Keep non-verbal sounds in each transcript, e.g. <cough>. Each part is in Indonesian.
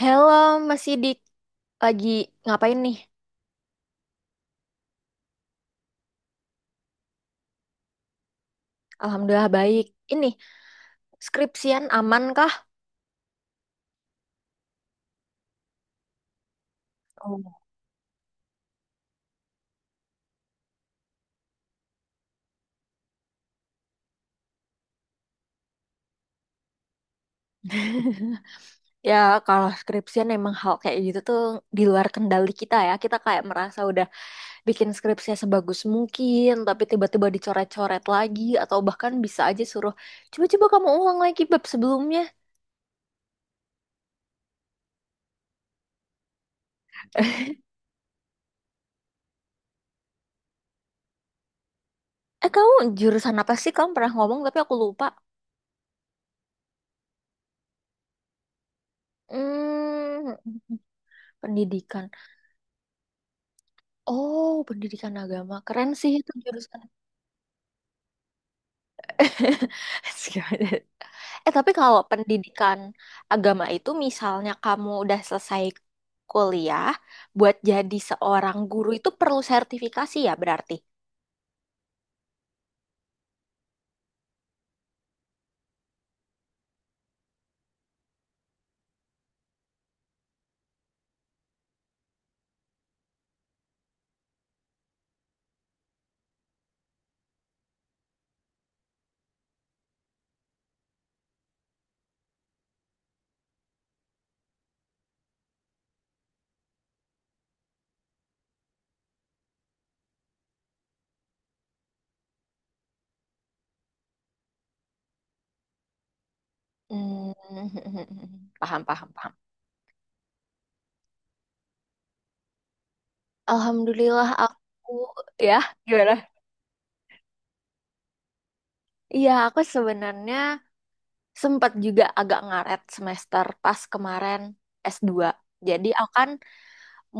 Halo, Mas Sidik. Lagi ngapain nih? Alhamdulillah baik. Ini, skripsian aman kah? Oh. <laughs> Ya, kalau skripsian emang hal kayak gitu tuh di luar kendali kita ya. Kita kayak merasa udah bikin skripsinya sebagus mungkin, tapi tiba-tiba dicoret-coret lagi, atau bahkan bisa aja suruh, coba-coba kamu ulang lagi bab sebelumnya. <laughs> Eh, kamu jurusan apa sih? Kamu pernah ngomong, tapi aku lupa. Hmm, <laughs> pendidikan. Oh, pendidikan agama. Keren sih itu jurusan. <laughs> Gimana? Eh, tapi kalau pendidikan agama itu misalnya kamu udah selesai kuliah, buat jadi seorang guru itu perlu sertifikasi ya berarti. Hmm, <laughs> paham, paham, paham. Alhamdulillah aku, ya. Gimana? Iya, aku sebenarnya sempat juga agak ngaret semester pas kemarin. S dua Jadi akan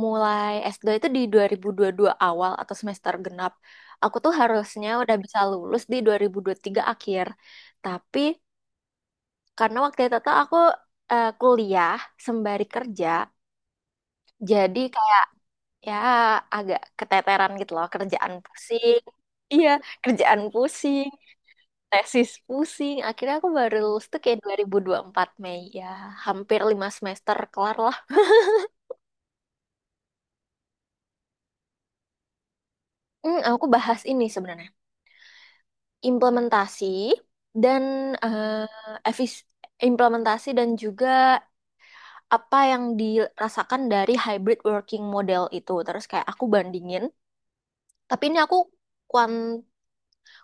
mulai S2 itu di 2022 awal atau semester genap. Aku tuh harusnya udah bisa lulus di 2023 akhir. Tapi karena waktu itu tuh aku kuliah sembari kerja, jadi kayak ya agak keteteran gitu loh, kerjaan pusing. Iya, kerjaan pusing, tesis pusing. Akhirnya aku baru lulus tuh kayak 2024 Mei ya, hampir lima semester kelar lah. Hmm, aku bahas ini sebenarnya. implementasi dan eh, efis- Implementasi dan juga apa yang dirasakan dari hybrid working model itu. Terus kayak aku bandingin, tapi ini aku kuan-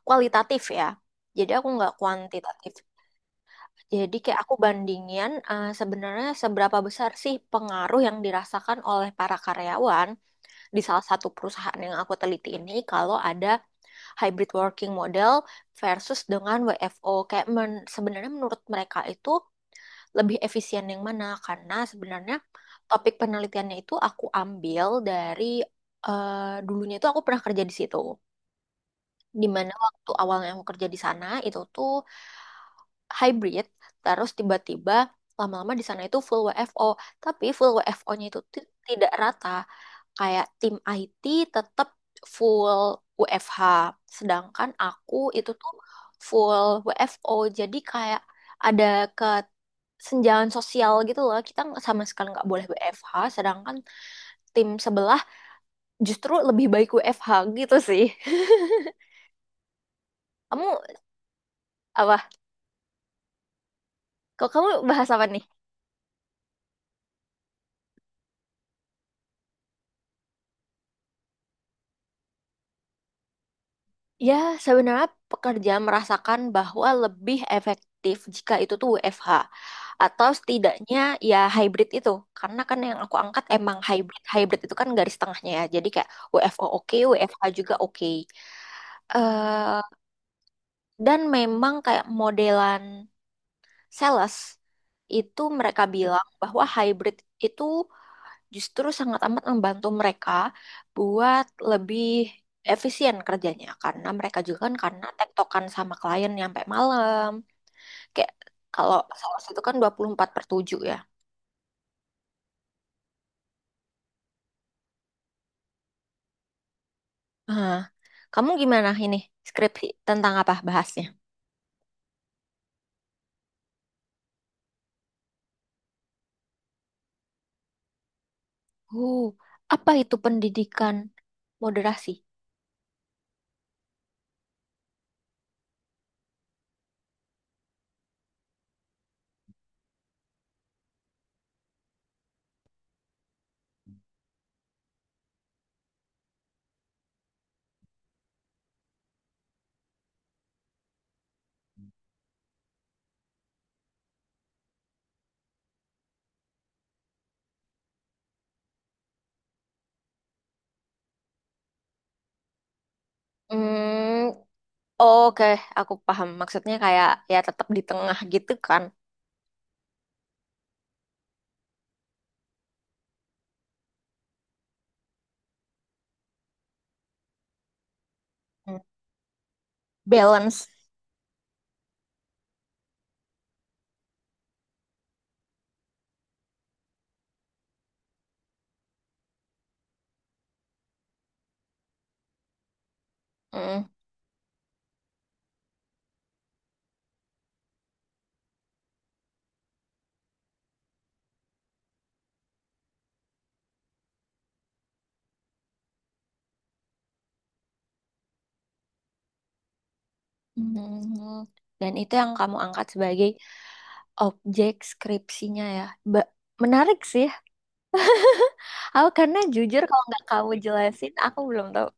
kualitatif ya. Jadi aku nggak kuantitatif. Jadi kayak aku bandingin, sebenarnya seberapa besar sih pengaruh yang dirasakan oleh para karyawan di salah satu perusahaan yang aku teliti ini kalau ada hybrid working model versus dengan WFO. Kayak sebenarnya menurut mereka itu lebih efisien yang mana? Karena sebenarnya topik penelitiannya itu aku ambil dari, dulunya itu aku pernah kerja di situ. Dimana waktu awalnya aku kerja di sana itu tuh hybrid, terus tiba-tiba lama-lama di sana itu full WFO, tapi full WFO-nya itu tidak rata. Kayak tim IT tetap full WFH, sedangkan aku itu tuh full WFO, jadi kayak ada ke senjangan sosial gitu loh. Kita sama sekali nggak boleh WFH, sedangkan tim sebelah justru lebih baik WFH gitu sih. <laughs> Kamu apa? Kok kamu bahas apa nih? Ya, sebenarnya pekerja merasakan bahwa lebih efektif jika itu tuh WFH atau setidaknya ya hybrid itu. Karena kan yang aku angkat emang hybrid. Hybrid itu kan garis tengahnya ya. Jadi kayak WFO oke, WFH juga oke. eh dan memang kayak modelan sales itu mereka bilang bahwa hybrid itu justru sangat amat membantu mereka buat lebih efisien kerjanya karena mereka juga kan karena tektokan sama klien yang sampai malam, kayak kalau sales itu kan 24 per 7 ya. Hah. Kamu gimana ini, skripsi tentang apa bahasnya? uh Apa itu pendidikan moderasi? Hmm, oke, aku paham maksudnya, kayak ya tetap di tengah gitu kan. Hmm, balance. Mhm. Dan itu yang kamu angkat sebagai objek skripsinya ya. Ba- Menarik sih. <laughs> Aku karena jujur kalau nggak kamu jelasin, aku belum tahu.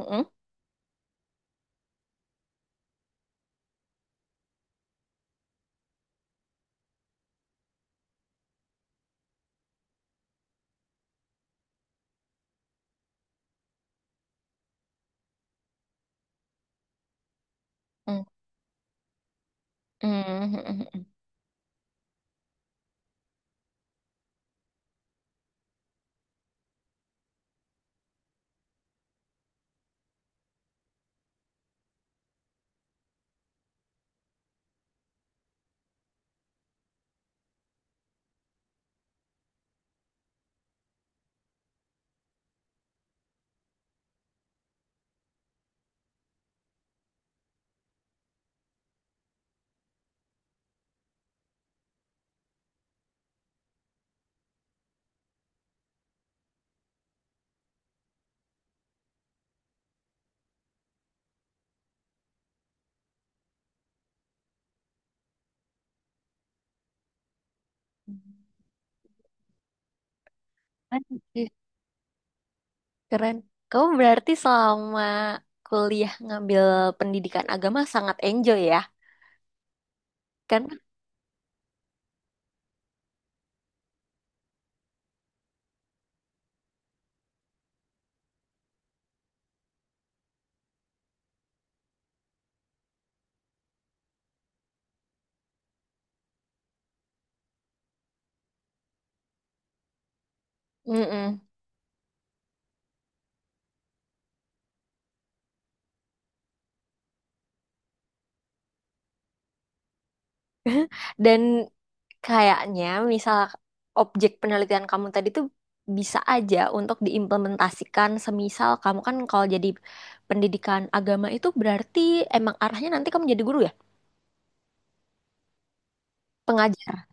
Mhm. Mhm. Mhm. Keren sih, keren. Kamu berarti selama kuliah ngambil pendidikan agama sangat enjoy ya, kan? Mm-mm. <laughs> Dan Kayaknya misal objek penelitian kamu tadi tuh bisa aja untuk diimplementasikan, semisal kamu kan kalau jadi pendidikan agama itu berarti emang arahnya nanti kamu jadi guru ya? Pengajar.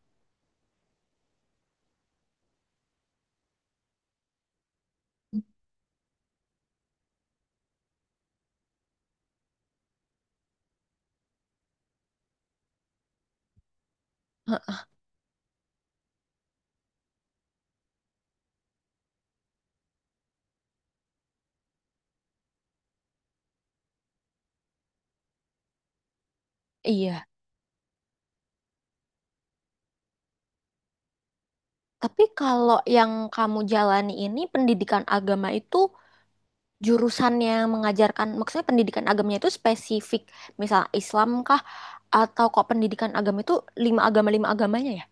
Heeh. Iya. Tapi kalau yang kamu jalani ini pendidikan agama itu jurusannya mengajarkan, maksudnya pendidikan agamanya itu spesifik misal Islam kah, atau kok pendidikan agama itu lima agama lima agamanya ya?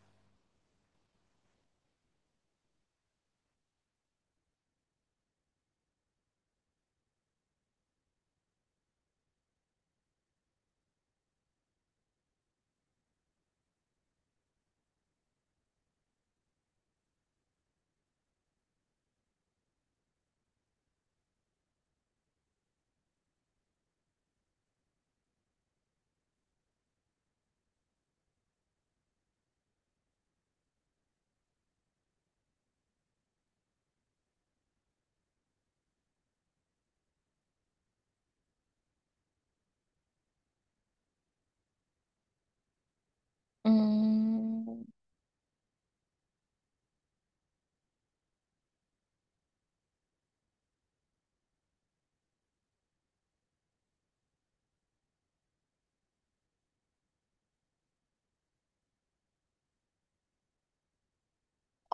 Hmm.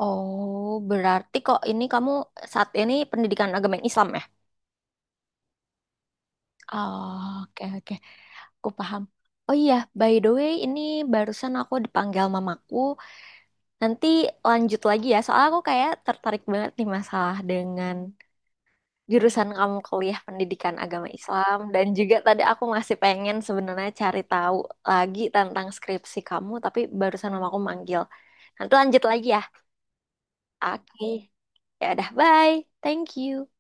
Oh, berarti kok ini kamu saat ini pendidikan agama yang Islam ya? Oh, oke oke, aku paham. Oh iya, by the way, ini barusan aku dipanggil mamaku. Nanti lanjut lagi ya, soalnya aku kayak tertarik banget nih masalah dengan jurusan kamu kuliah pendidikan agama Islam dan juga tadi aku masih pengen sebenarnya cari tahu lagi tentang skripsi kamu, tapi barusan mamaku manggil. Nanti lanjut lagi ya. Oke. Ya udah, bye. Thank you.